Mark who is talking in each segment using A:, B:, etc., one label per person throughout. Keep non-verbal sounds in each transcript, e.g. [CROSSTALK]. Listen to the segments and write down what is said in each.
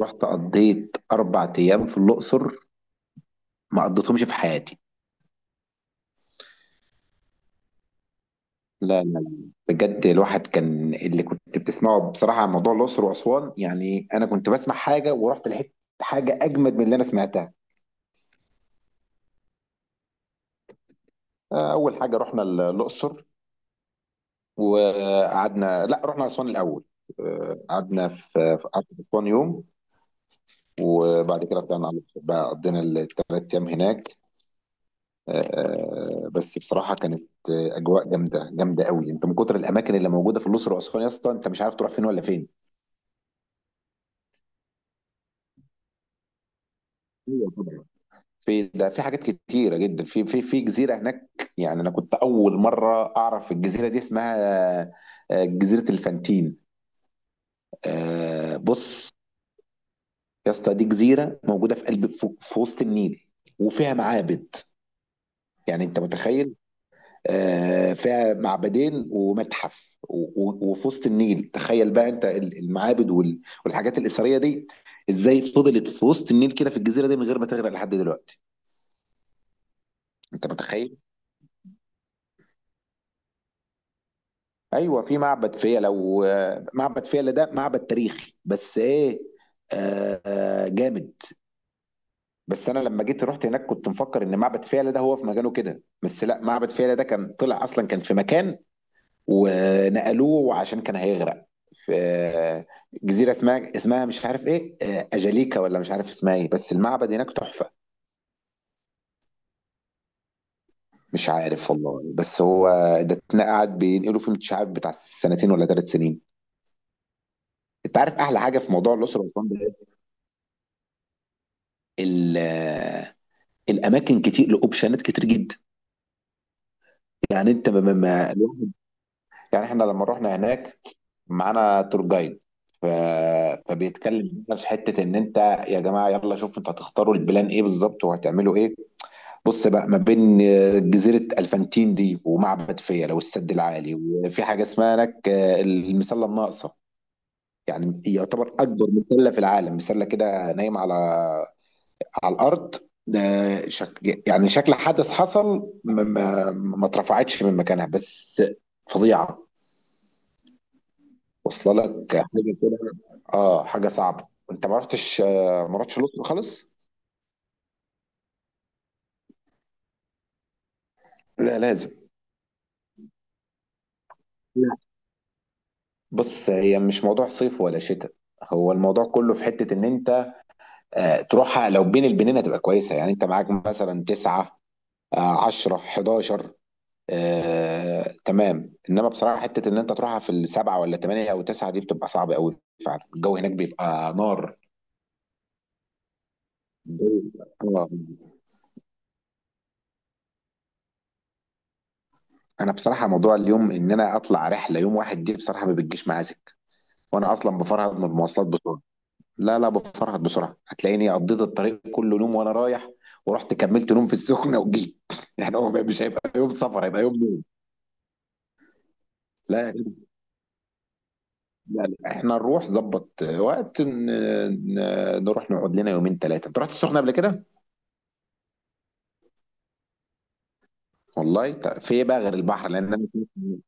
A: رحت قضيت أربع أيام في الأقصر ما قضيتهمش في حياتي. لا. بجد الواحد، كان اللي كنت بتسمعه بصراحة عن موضوع الأقصر وأسوان، يعني أنا كنت بسمع حاجة ورحت لقيت حاجة أجمد من اللي أنا سمعتها. أول حاجة رحنا الأقصر وقعدنا، لا رحنا أسوان الأول. قعدنا قعدت في أسوان يوم، وبعد كده طلعنا على الأقصر بقى، قضينا الثلاث أيام هناك. بس بصراحه كانت اجواء جامده جامده قوي، انت من كتر الاماكن اللي موجوده في الاقصر واسوان يا اسطى، انت مش عارف تروح فين ولا فين. ايوه طبعا، في ده، في حاجات كتيره جدا، في جزيره هناك. يعني انا كنت اول مره اعرف الجزيره دي اسمها جزيره الفانتين. بص يا اسطى، دي جزيره موجوده في قلب، في وسط النيل، وفيها معابد. يعني انت متخيل، فيها معبدين ومتحف وفي وسط النيل. تخيل بقى انت المعابد والحاجات الأثرية دي ازاي فضلت في وسط النيل كده في الجزيرة دي من غير ما تغرق لحد دلوقتي. انت متخيل؟ ايوه في معبد فيلة، ومعبد فيلة ده معبد تاريخي بس ايه، جامد. بس انا لما جيت رحت هناك كنت مفكر ان معبد فيلة ده هو في مكانه كده، بس لا، معبد فيلة ده كان طلع اصلا كان في مكان ونقلوه عشان كان هيغرق، في جزيرة اسمها، اسمها مش عارف ايه، أجاليكا ولا مش عارف اسمها ايه، بس المعبد هناك تحفة. مش عارف والله، بس هو ده قاعد بينقلوا فيه مش عارف بتاع سنتين ولا ثلاث سنين. انت عارف احلى حاجة في موضوع الأسرة والأسوان ده إيه؟ ال- آه، الأماكن كتير، لأوبشنات كتير جدا. يعني انت، ما- يعني احنا لما رحنا هناك معانا تور جايد، ف... فبيتكلم بقى في حته ان انت، يا جماعه يلا شوفوا انتوا هتختاروا البلان ايه بالظبط وهتعملوا ايه. بص بقى، ما بين جزيره الفانتين دي ومعبد فيلا والسد العالي، وفي حاجه اسمها هناك المسله الناقصه. يعني يعتبر اكبر مسله في العالم، مسله كده نايمه على على الارض، ده شك... يعني شكل حدث حصل، ما اترفعتش من مكانها بس، فظيعه، واصله لك حاجه كده. اه حاجه صعبه، انت ما رحتش ما رحتش الاقصر خالص. لا لازم. لا بص، هي مش موضوع صيف ولا شتاء، هو الموضوع كله في حته ان انت، تروحها لو بين البنين هتبقى كويسه، يعني انت معاك مثلا 9 10 11 تمام، انما بصراحه حته ان انت تروحها في السبعه ولا ثمانيه او تسعه دي بتبقى صعبه قوي، فعلا الجو هناك بيبقى نار. الجو بيبقى- آه. انا بصراحه موضوع اليوم ان انا اطلع رحله يوم واحد دي بصراحه ما بتجيش معايا، وانا اصلا بفرهد من المواصلات بسرعه. لا لا، بفرهد بسرعه، هتلاقيني قضيت الطريق كله نوم وانا رايح، ورحت كملت نوم في السخنه وجيت [LAUGHS] يعني هو مش هيبقى يوم سفر، هيبقى يوم نوم. لا يا جدع، لا احنا نروح ظبط وقت نروح نقعد لنا يومين ثلاثه. انت رحت السخنه قبل كده؟ والله طب في ايه بقى غير البحر لان انا سمعت-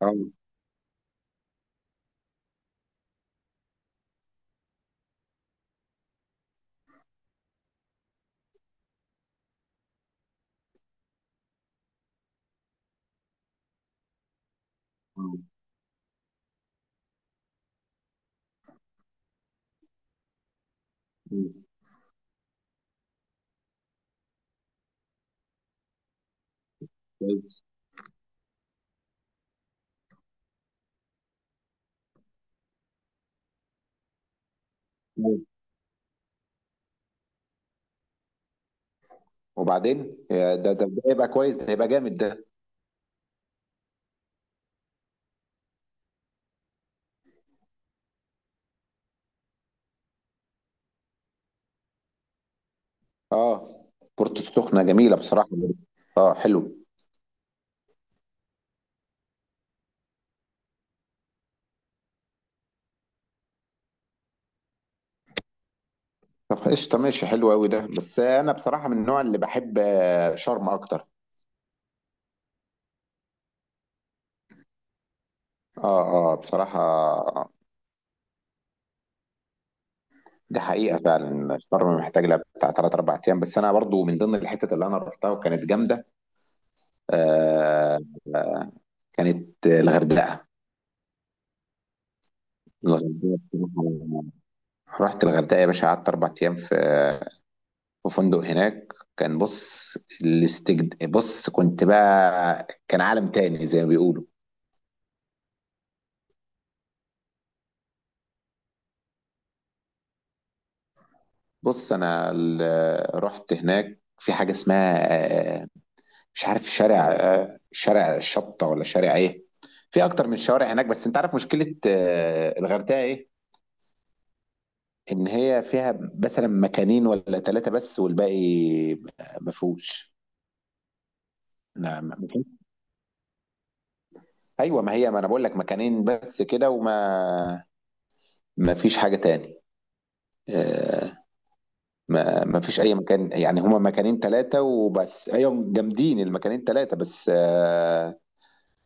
A: اه آه، آه، كويس كويس. وبعدين يا، ده هيبقى كويس، ده هيبقى جامد ده. اه بورتو السخنه جميله بصراحه. اه حلو. طب قشطة ماشي، حلو أوي ده، بس أنا بصراحة من النوع اللي بحب شرم أكتر. بصراحة دي حقيقة، فعلا شرم محتاج لها بتاع تلات أربع أيام، بس أنا برضو من ضمن الحتت اللي أنا رحتها وكانت جامدة آه آه، كانت الغردقة. الغردقة بصراحة، رحت الغردقة يا باشا، قعدت أربع أيام في في فندق هناك، كان بص الاستجد، بص كنت بقى كان عالم تاني زي ما بيقولوا. بص انا رحت هناك في حاجه اسمها آه، مش عارف شارع شارع الشطه ولا شارع ايه، في اكتر من شوارع هناك، بس انت عارف مشكله الغردقه ايه؟ ان هي فيها مثلا مكانين ولا ثلاثه بس، والباقي ما فيهوش. نعم ما فيهوش. ايوه، ما هي ما انا بقول لك مكانين بس كده، وما ما فيش حاجه تاني، آه، ما فيش اي مكان. يعني هما مكانين ثلاثه وبس، ايوه جامدين المكانين ثلاثه بس،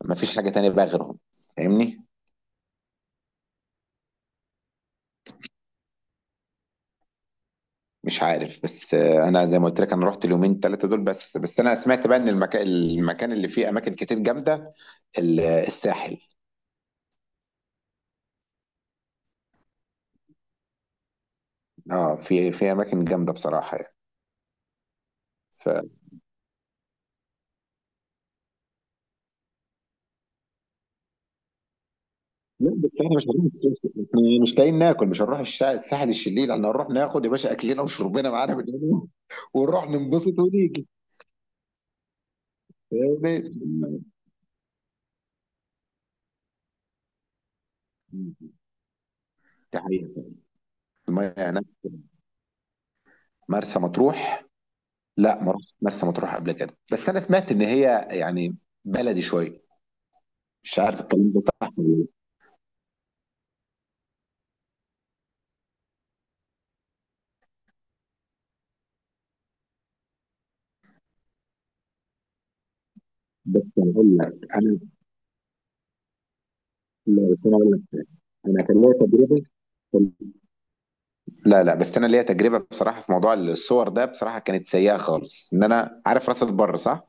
A: مفيش حاجة تانية بقى غيرهم. فاهمني؟ مش عارف بس انا زي ما قلت لك انا رحت اليومين ثلاثة دول بس، بس انا سمعت بقى ان المكان اللي فيه اماكن كتير جامدة الساحل. اه في في اماكن جامدة بصراحة يعني. لا بس احنا مش هنروح الساحل. إحنا مش لاقيين ناكل، مش هنروح الساحل الشليل، احنا هنروح ناخد يا باشا اكلنا وشربنا معانا بالليل [LAUGHS] ونروح ننبسط ونيجي. فاهمني؟ دي حقيقة. المية هناك. مرسى مطروح، لا ما رحتش مرسى مطروح قبل كده، بس انا سمعت ان هي يعني بلدي شويه، مش عارف الكلام ده صح ولا لا، بس هقول لك انا، لا بس انا هقول لك، انا كان ليا تجربه. كان- لا بس انا ليا تجربه بصراحه في موضوع الصور ده، بصراحه كانت سيئه خالص. ان انا عارف راس البر صح؟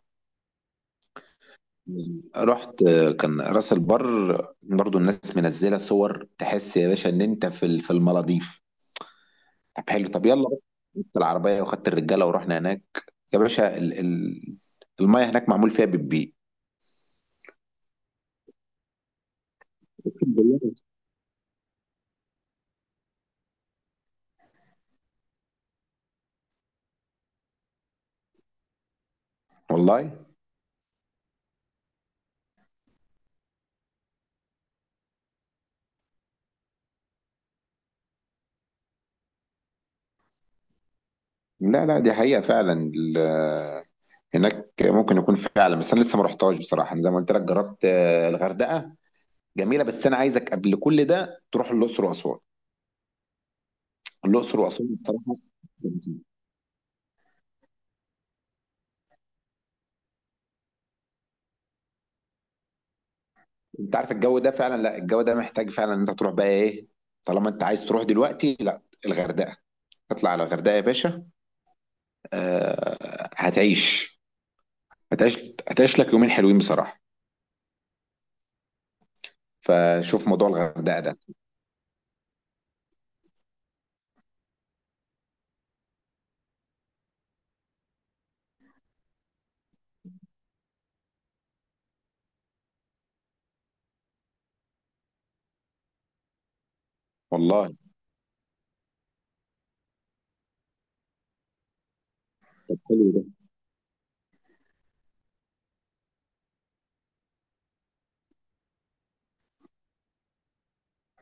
A: رحت، كان راس البر برضو الناس منزله صور تحس يا باشا ان انت في في المالديف. طب حلو طب يلا، رحت العربيه وخدت الرجاله ورحنا هناك، يا باشا الميه هناك معمول فيها بالبيت، بالله. والله. لا دي حقيقة فعلا هناك ممكن يكون فعلا، بس انا لسه ما رحتهاش بصراحة، انا زي ما قلت لك جربت الغردقة جميلة، بس انا عايزك قبل كل ده تروح الاقصر واسوان. الاقصر واسوان بصراحة، انت عارف الجو ده فعلا، لا الجو ده محتاج فعلا ان انت تروح بقى ايه، طالما انت عايز تروح دلوقتي، لا الغردقة، اطلع على الغردقة يا باشا، آه، هتعيش هتعيش هتعيش لك يومين حلوين بصراحة، فشوف موضوع الغردقة ده. والله طب حلو ده.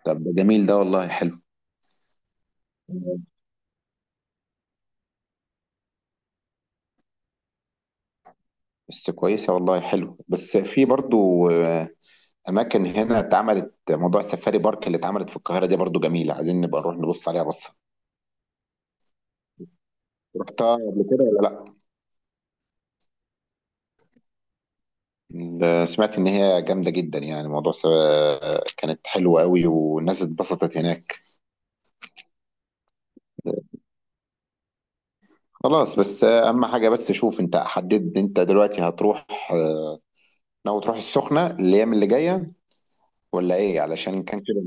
A: طب ده جميل ده والله، حلو. بس كويسة والله، حلو، بس في برضو أماكن هنا اتعملت، موضوع السفاري بارك اللي اتعملت في القاهرة دي برضو جميلة، عايزين نبقى نروح نبص عليها بصة. رحتها قبل كده ولا لأ؟ سمعت إن هي جامدة جدا، يعني موضوع كانت حلوة قوي والناس اتبسطت هناك. خلاص بس أهم حاجة، بس شوف أنت حددت، أنت دلوقتي هتروح، آه، ناوي تروح السخنة الأيام اللي جاية ولا إيه، علشان كان كده.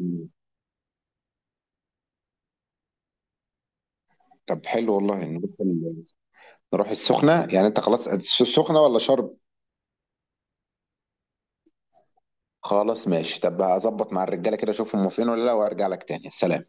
A: طب حلو والله، نروح نروح السخنة، يعني أنت خلاص السخنة ولا شرم؟ خلاص ماشي، طب هظبط مع الرجاله كده اشوفهم فين ولا لا وارجع لك تاني. سلام.